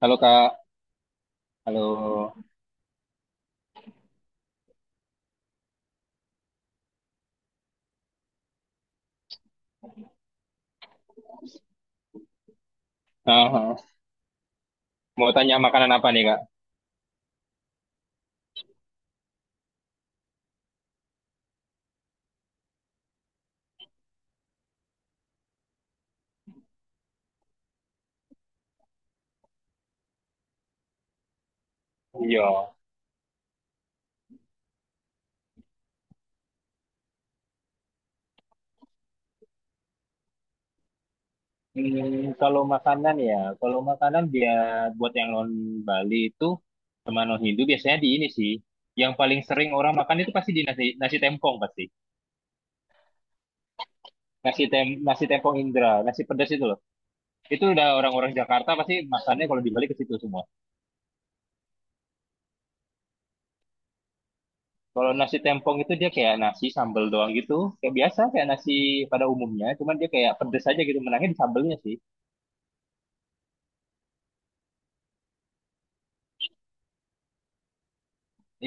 Halo Kak, halo. Ah, mau tanya makanan apa nih Kak? Iya. Hmm, kalau makanan ya, kalau makanan dia buat yang non Bali itu sama non Hindu biasanya di ini sih. Yang paling sering orang makan itu pasti di nasi nasi tempong pasti. Nasi tempong Indra, nasi pedas itu loh. Itu udah orang-orang Jakarta pasti makannya kalau di Bali ke situ semua. Kalau nasi tempong itu dia kayak nasi sambal doang gitu, kayak biasa kayak nasi pada umumnya, cuman dia kayak pedas aja gitu, menangnya di sambelnya sih.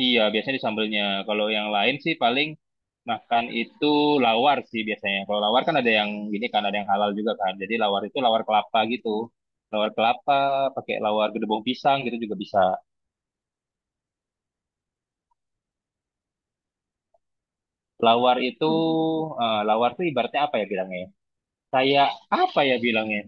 Iya, biasanya di sambelnya. Kalau yang lain sih paling makan itu lawar sih biasanya. Kalau lawar kan ada yang gini kan, ada yang halal juga kan. Jadi lawar itu lawar kelapa gitu. Lawar kelapa, pakai lawar gedebong pisang gitu juga bisa. Lawar itu, lawar tuh ibaratnya apa ya bilangnya? Ya? Kayak apa ya bilangnya?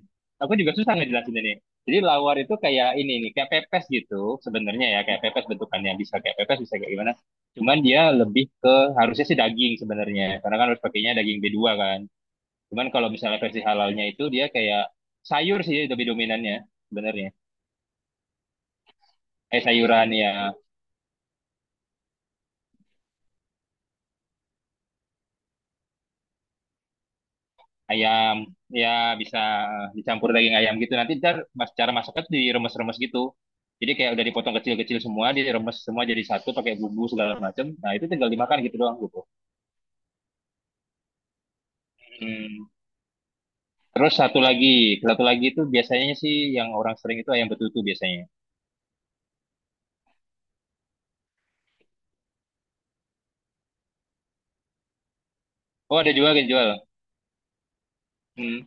Aku juga susah ngejelasin ini. Jadi lawar itu kayak ini nih, kayak pepes gitu sebenarnya ya, kayak pepes bentukannya bisa kayak pepes, bisa kayak gimana. Cuman dia lebih ke harusnya sih daging sebenarnya, karena kan harus pakainya daging b dua kan. Cuman kalau misalnya versi halalnya itu dia kayak sayur sih lebih dominannya sebenarnya. Kayak sayuran ya, ayam ya bisa dicampur daging ayam gitu. Nanti ntar mas cara masaknya tuh diremes-remes gitu. Jadi kayak udah dipotong kecil-kecil semua, diremes semua jadi satu pakai bumbu segala macam. Nah itu tinggal dimakan gitu doang gitu. Hmm. Terus satu lagi itu biasanya sih yang orang sering itu ayam betutu biasanya. Oh ada juga yang jual. Hmm.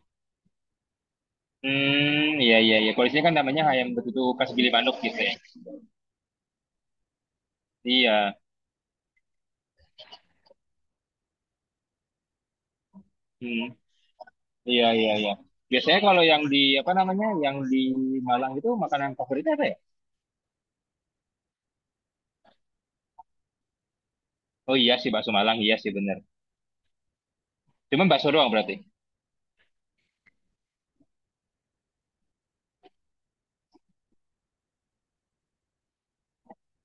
Iya iya iya. Kalau di sini kan namanya ayam betutu khas Gili Manuk gitu ya. Iya. Hmm. Iya, iya, iya. Biasanya kalau yang di apa namanya, yang di Malang itu makanan favoritnya apa ya? Oh iya sih bakso Malang, iya sih bener. Cuman bakso doang berarti.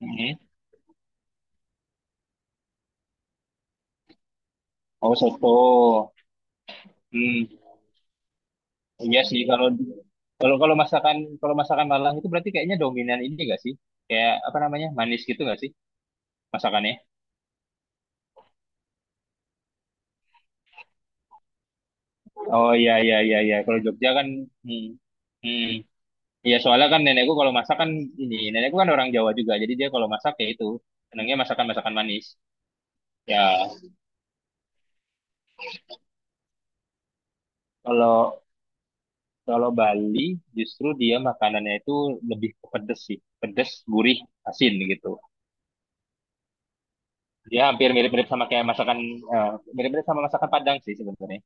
Mhm. Oh soto. Hmm, iya sih kalau kalau kalau masakan Malang itu berarti kayaknya dominan ini gak sih? Kayak apa namanya manis gitu gak sih masakannya? Oh iya iya iya iya. Kalau Jogja kan, hmm, hmm. Iya soalnya kan nenekku kalau masak kan ini nenekku kan orang Jawa juga, jadi dia kalau masak ya itu senangnya masakan masakan manis. Ya, kalau Kalau Bali justru dia makanannya itu lebih ke pedes sih, pedes, gurih, asin gitu. Dia hampir eh, mirip-mirip sama masakan Padang sih sebenarnya.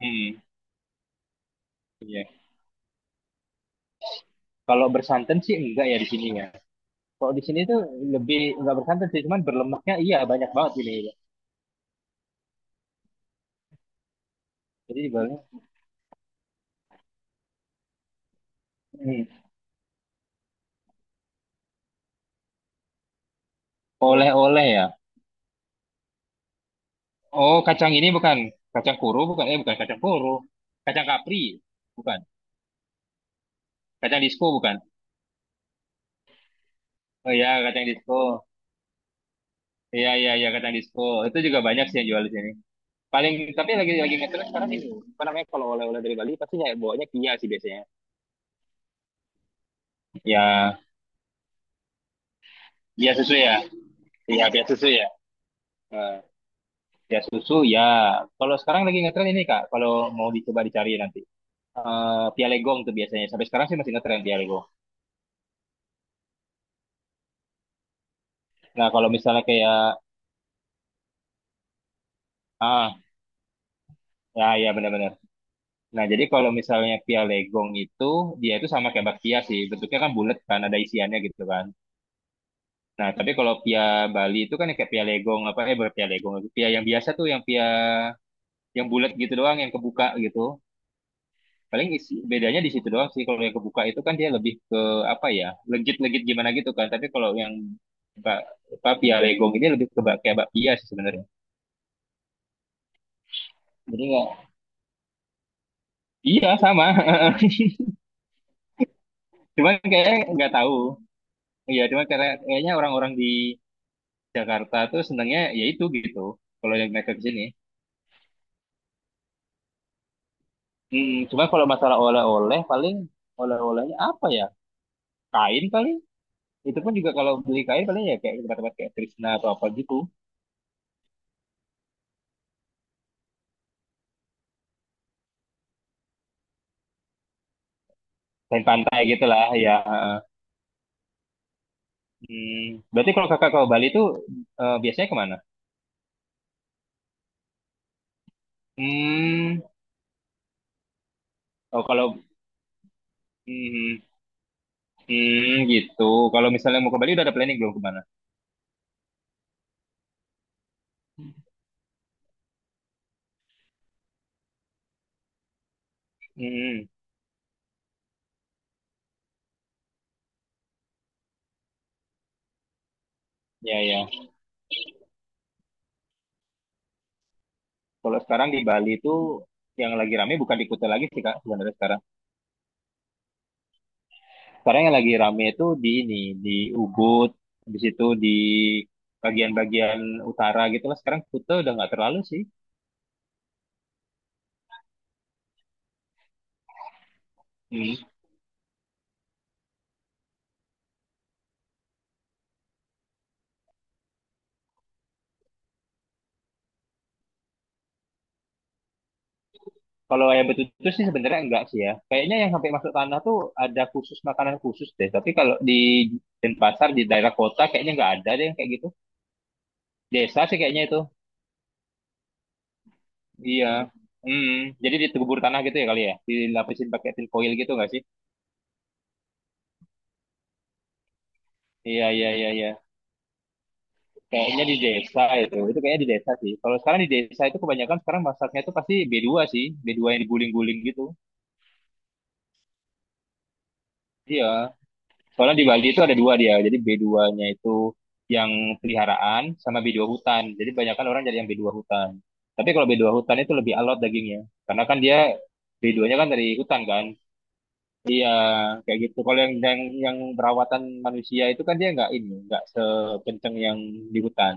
Hmm, iya. Kalau bersantan sih enggak ya di sini ya. Kalau di sini tuh lebih enggak bersantan sih, cuman berlemaknya iya banyak banget ini. Jadi di Bali, hmm, oleh-oleh ya. Oh, kacang ini bukan kacang kuru bukan? Eh, bukan kacang kuru. Kacang kapri bukan? Kacang disco bukan? Oh ya, kacang disco. Iya iya iya kacang disco itu juga banyak sih yang jual di sini. Paling tapi lagi ngetren sekarang ini apa namanya kalau oleh-oleh dari Bali pasti ya bawanya kia sih biasanya. Ya dia susu ya, iya dia susu ya. Eh, dia susu ya. Kalau sekarang lagi ngetren ini Kak, kalau mau dicoba dicari nanti. Eh pialegong tuh biasanya sampai sekarang sih masih ngetren pialegong. Nah kalau misalnya kayak ah ya ya benar-benar. Nah jadi kalau misalnya pialegong itu dia itu sama kayak bakpia sih bentuknya kan bulat kan ada isiannya gitu kan. Nah, tapi kalau pia Bali itu kan yang kayak pia legong apa eh bukan pia legong lagi. Pia yang biasa tuh yang pia yang bulat gitu doang yang kebuka gitu. Paling isi, bedanya di situ doang sih. Kalau yang kebuka itu kan dia lebih ke apa ya? Legit-legit gimana gitu kan. Tapi kalau yang ba- apa pia legong ini lebih ke kayak bakpia sih sebenarnya. Jadi nggak. Iya, sama. Cuman kayaknya nggak tahu. Iya, cuman kayaknya orang-orang di Jakarta tuh senangnya ya itu gitu. Kalau yang mereka ke sini. Cuman kalau masalah oleh-oleh paling oleh-olehnya apa ya? Kain paling. Itu pun juga kalau beli kain paling ya kayak tempat-tempat kayak Krishna atau apa gitu. Kain pantai gitu lah ya. Heeh. Hmm, berarti kalau kakak ke Bali itu biasanya kemana? Hmm, oh kalau hmm, gitu. Kalau misalnya mau ke Bali udah ada planning belum kemana? Hmm, ya ya. Kalau sekarang di Bali itu yang lagi rame bukan di Kuta lagi sih kak sebenarnya sekarang. Sekarang yang lagi rame itu di ini, di Ubud, di situ di bagian-bagian utara gitu lah. Sekarang Kuta udah nggak terlalu sih. Hmm. Kalau ayam betutu sih sebenarnya enggak sih ya. Kayaknya yang sampai masuk tanah tuh ada khusus makanan khusus deh. Tapi kalau di Denpasar di daerah kota kayaknya nggak ada deh yang kayak gitu. Desa sih kayaknya itu. Iya. Hmm. Jadi ditegubur tanah gitu ya kali ya. Dilapisin pakai tin foil gitu nggak sih? Iya iya iya iya. Kayaknya di desa itu kayaknya di desa sih. Kalau sekarang di desa itu kebanyakan sekarang masaknya itu pasti b dua sih, b dua yang diguling-guling gitu. Iya, soalnya di Bali itu ada dua dia, jadi B2-nya itu yang peliharaan sama b dua hutan. Jadi kebanyakan orang jadi yang b dua hutan. Tapi kalau b dua hutan itu lebih alot dagingnya, karena kan dia B2-nya kan dari hutan kan. Iya, kayak gitu. Kalau yang perawatan manusia itu kan dia nggak ini, nggak sekenceng yang di hutan.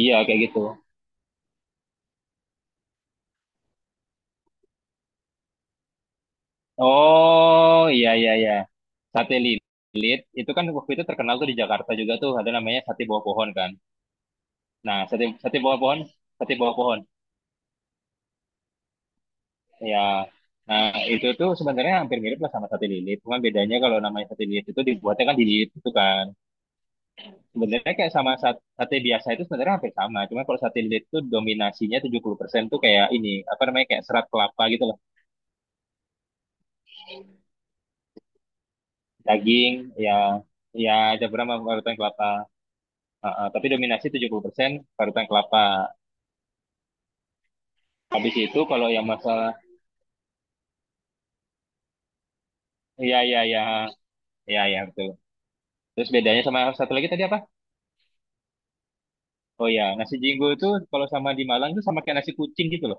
Iya, kayak gitu. Oh iya iya iya. Sate lilit. Itu kan waktu itu terkenal tuh di Jakarta juga tuh ada namanya sate bawah pohon kan. Nah, sate sate bawah pohon, sate bawah pohon. Ya. Nah, itu tuh sebenarnya hampir mirip lah sama sate lilit. Cuma bedanya kalau namanya sate lilit itu dibuatnya kan di lilit itu kan. Sebenarnya kayak sama sate biasa itu sebenarnya hampir sama. Cuma kalau sate lilit itu dominasinya 70% tuh kayak ini, apa namanya kayak serat kelapa gitu loh. Daging, ya ya campuran sama parutan kelapa. Ah, ah, tapi dominasi 70% parutan kelapa. Habis itu kalau yang masalah ya ya ya ya ya betul. Terus bedanya sama yang satu lagi tadi apa? Oh ya, nasi jinggo itu kalau sama di Malang itu sama kayak nasi kucing gitu loh.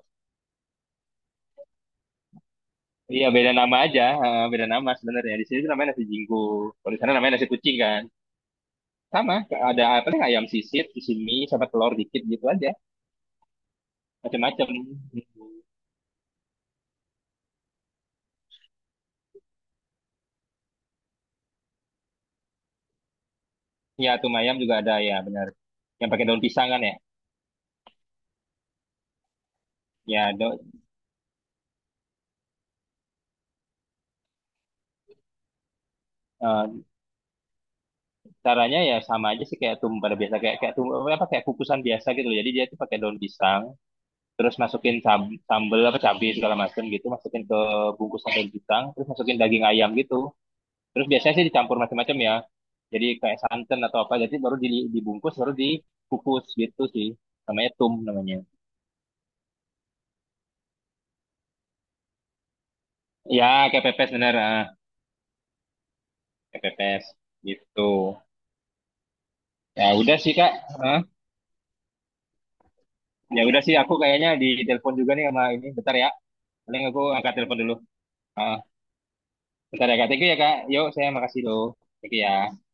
Iya, beda nama aja, eh, beda nama sebenarnya. Di sini tuh namanya nasi jinggo. Kalau di sana namanya nasi kucing kan. Sama, ada apa sih ayam sisit di sini sama telur dikit gitu aja. Macam-macam. Ya, tuh ayam juga ada ya, benar. Yang pakai daun pisang kan ya? Ya, eh, caranya ya sama aja sih kayak tum pada biasa kayak kayak tum apa kayak kukusan biasa gitu loh. Jadi dia tuh pakai daun pisang terus masukin sambel apa cabai segala macam gitu masukin ke bungkusan daun pisang terus masukin daging ayam gitu terus biasanya sih dicampur macam-macam ya jadi kayak santan atau apa jadi baru dibungkus baru dikukus gitu sih namanya tum namanya. Ya kayak pepes bener. Ah, kayak pepes gitu. Ya udah sih kak. Hah? Ya udah sih aku kayaknya di telepon juga nih sama ini bentar ya. Paling aku angkat telepon dulu. Ah, bentar ya kak. Thank you ya kak. Yuk saya makasih loh. Thank you ya.